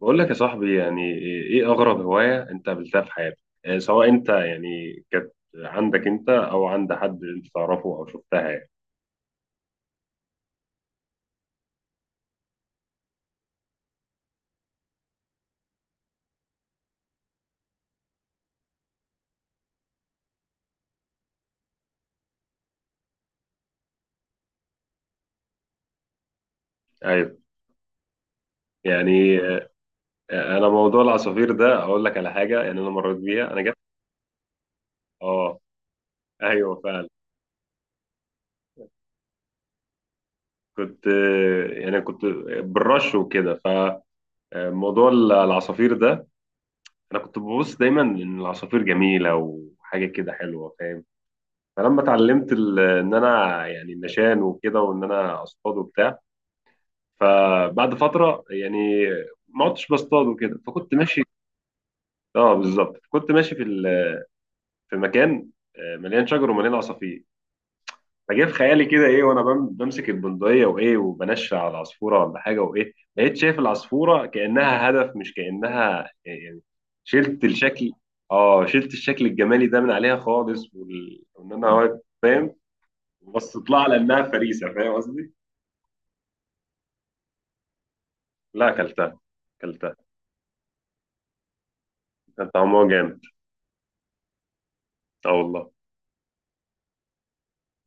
بقول لك يا صاحبي، يعني ايه اغرب هواية انت قابلتها في حياتك؟ سواء انت يعني كانت عندك انت او عند حد انت تعرفه او شفتها يعني. ايوه. يعني آه، انا موضوع العصافير ده اقول لك على حاجة، يعني انا مريت بيها، انا جت. اه، ايوه فعلا. كنت آه، يعني كنت بالرش وكده. فموضوع العصافير ده، انا كنت ببص دايما ان العصافير جميلة وحاجة كده حلوة، فاهم؟ فلما اتعلمت ان انا يعني النشان وكده، وان انا اصطاد وبتاع. فبعد فتره يعني ما عدتش بصطاد وكده، فكنت ماشي. اه بالظبط، كنت ماشي في مكان مليان شجر ومليان عصافير. فجاء في خيالي كده ايه، وانا بمسك البندقيه وايه، وبنشر على العصفوره ولا حاجه، وايه بقيت شايف العصفوره كانها هدف، مش كانها شلت الشكل. اه شلت الشكل الجمالي ده من عليها خالص، وان انا واقف، فاهم؟ بصيت لها على انها فريسه، فاهم قصدي؟ لا، اكلتها. اكلتها. كان طعمها جامد. اه والله.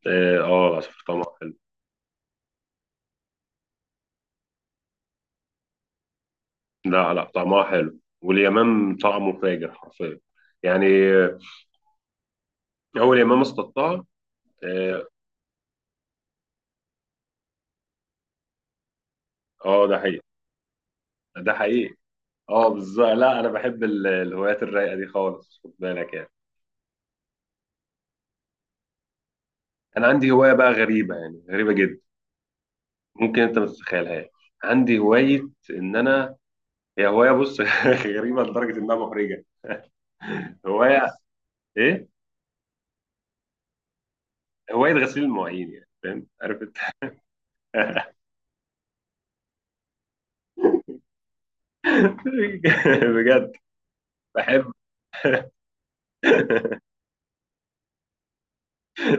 اه، العصافير طعمها حلو. لا لا، طعمها حلو، واليمام طعمه فاجر حرفيا. يعني آه، اول يمام اصطادتها. اه، ده حقيقي، ده حقيقي. اه بالظبط، لا انا بحب الهوايات الرايقه دي خالص، خد بالك يعني. انا عندي هوايه بقى غريبه، يعني غريبه جدا. ممكن انت ما تتخيلهاش. عندي هوايه ان انا، هي هوايه، بص غريبه لدرجه انها محرجه. هوايه ايه؟ هوايه غسيل المواعين، يعني فاهم؟ عارف انت. بجد. بحب.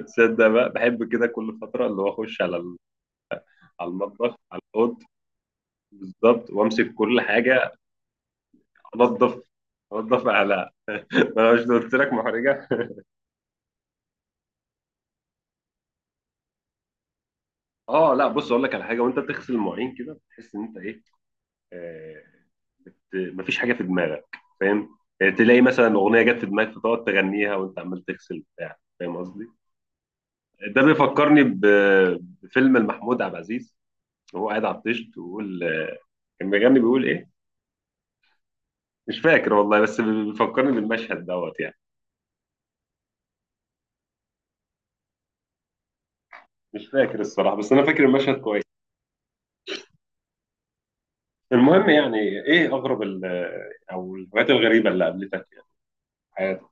تصدق بقى، بحب كده كل فترة، اللي هو أخش على على المطبخ، على الأوض، بالظبط، وأمسك كل حاجة أنظف أنظف على ما أنا مش قلت لك محرجة؟ أه، لا بص أقول لك على حاجة، وأنت بتغسل المواعين كده بتحس إن أنت إيه؟ آه مفيش حاجة في دماغك، فاهم؟ تلاقي مثلا أغنية جت في دماغك، فتقعد تغنيها وأنت عمال تغسل بتاع، فاهم قصدي؟ ده بيفكرني بفيلم لمحمود عبد العزيز، وهو قاعد على الطيش بيقول كان بيغني، بيقول إيه؟ مش فاكر والله، بس بيفكرني بالمشهد دوت يعني. مش فاكر الصراحة، بس أنا فاكر المشهد كويس. المهم يعني، إيه أغرب أو الهوايات الغريبة اللي قابلتك يعني في حياتك؟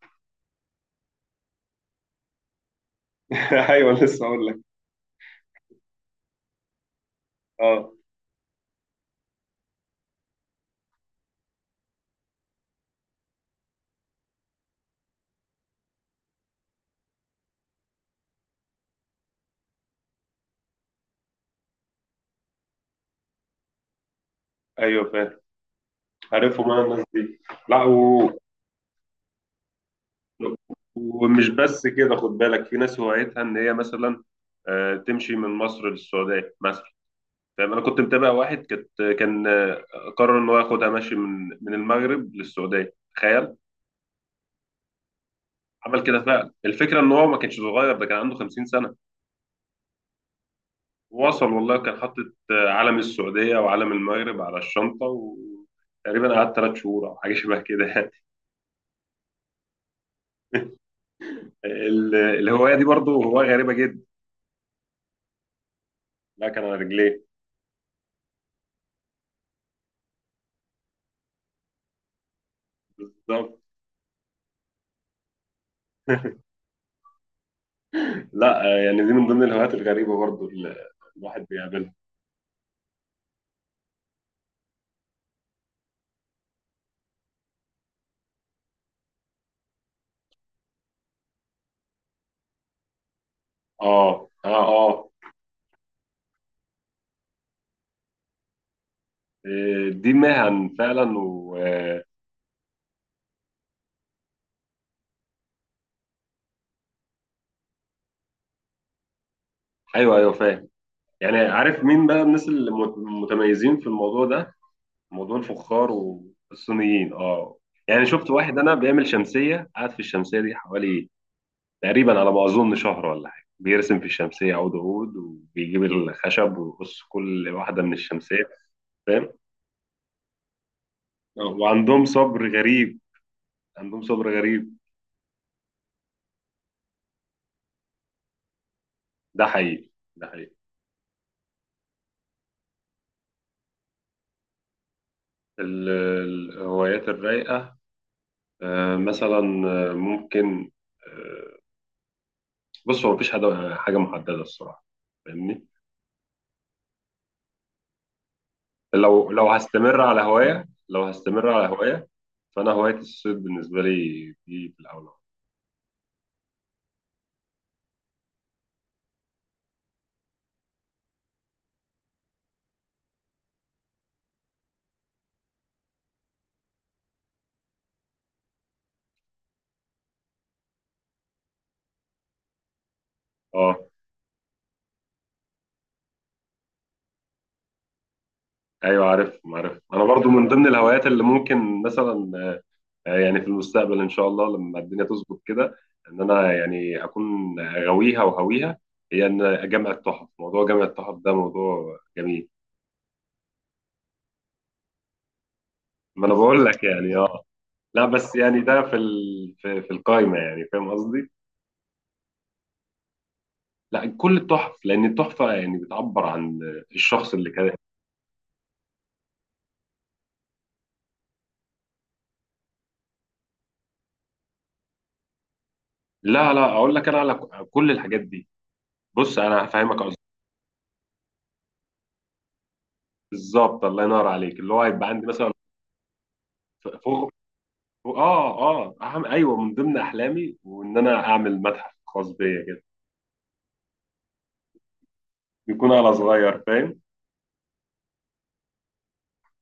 أيوه، لسه أقول لك. أه أيوه فاهم. عارفهم أنا الناس دي. لا ومش بس كده، خد بالك في ناس هوايتها إن هي مثلا تمشي من مصر للسعودية مثلا. فاهم؟ أنا كنت متابع واحد، كان قرر إن هو ياخدها ماشي من المغرب للسعودية، تخيل. عمل كده فعلا، الفكرة إن هو ما كانش صغير، ده كان عنده 50 سنة. وصل والله، كان حاطط علم السعودية وعلم المغرب على الشنطة، وتقريبا قعدت 3 شهور أو حاجة شبه كده يعني. الهواية دي برضو هواية غريبة جدا. لا كان على رجليه. بالظبط. لا يعني دي من ضمن الهوايات الغريبة برضو اللي الواحد بيقابلها. آه آه آه. إيه، دي مهن فعلا، و آه، أيوه أيوه فاهم. يعني عارف مين بقى الناس اللي متميزين في الموضوع ده؟ موضوع الفخار والصينيين، اه. يعني شفت واحد انا بيعمل شمسيه، قاعد في الشمسيه دي حوالي تقريبا على ما اظن شهر ولا حاجه، بيرسم في الشمسيه عود عود، وبيجيب الخشب ويقص كل واحده من الشمسيه، فاهم؟ وعندهم صبر غريب، عندهم صبر غريب. ده حقيقي، ده حقيقي. ال- الهوايات الرايقه، مثلا، ممكن، آه، بص، هو مفيش حاجه محدده الصراحه، فاهمني؟ لو هستمر على هواية، لو هستمر على هواية، فأنا هواية الصيد بالنسبة لي دي في الأول. اه ايوه، عارف انا برضو من ضمن الهوايات اللي ممكن مثلا يعني في المستقبل ان شاء الله، لما الدنيا تظبط كده، ان انا يعني اكون غاويها وهويها، هي ان اجمع التحف. موضوع جمع التحف ده موضوع جميل. ما انا بقول لك يعني، اه. لا بس يعني ده في القايمه يعني فاهم قصدي؟ لا كل التحف، لان التحفه يعني بتعبر عن الشخص اللي كان. لا لا، اقول لك انا على كل الحاجات دي. بص انا هفهمك قصدي. بالظبط، الله ينور عليك، اللي هو هيبقى عندي مثلا. فوق. اه اه، أهم، ايوه، من ضمن احلامي وان انا اعمل متحف خاص بيا كده، يكون على صغير، فاهم؟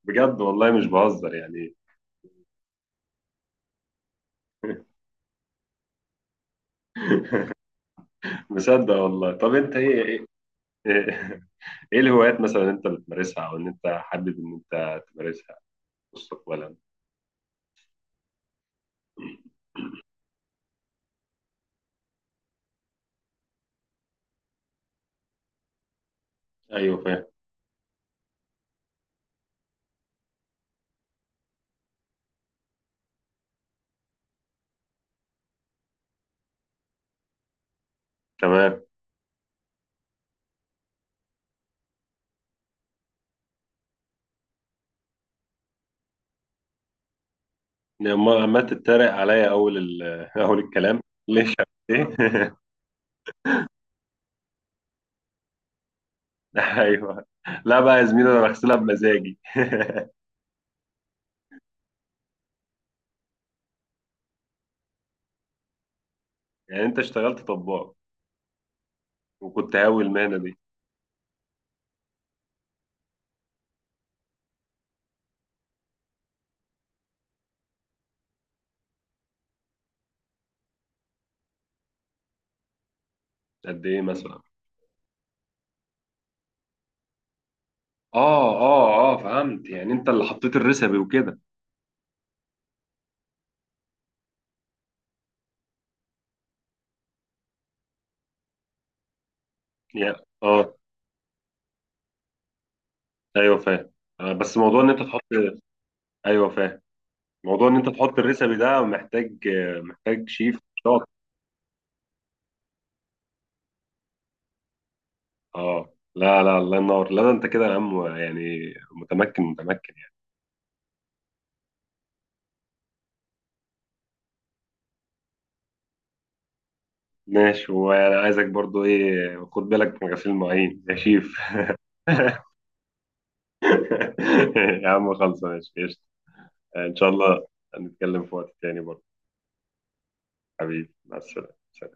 بجد والله مش بهزر يعني. مصدق والله. طب انت ايه ايه؟ إيه الهوايات مثلا انت بتمارسها، او ان انت حابب ان انت تمارسها مستقبلا؟ ايوه فاهم. تمام. ما عمال تتريق عليا اول الكلام؟ ليش؟ ايه؟ ايوه. لا بقى يا زميلي، انا بغسلها بمزاجي. يعني انت اشتغلت طباخ وكنت هاوي المهنه دي؟ قد ايه مثلا؟ اه اه اه فهمت. يعني انت اللي حطيت الريسبي وكده، يعني اه. ايوه فاهم. بس موضوع ان انت تحط، ايوه فاهم، موضوع ان انت تحط الريسبي ده محتاج شيف شاطر. اه لا لا، الله ينور، لا ده انت كده يا عم، يعني متمكن متمكن يعني. ماشي، وانا عايزك برضو ايه، خد بالك من غسيل المواعين يا شيف. يا عم خلص، ماشي قشطة. ان شاء الله هنتكلم في وقت تاني برضه. حبيبي مع السلامة.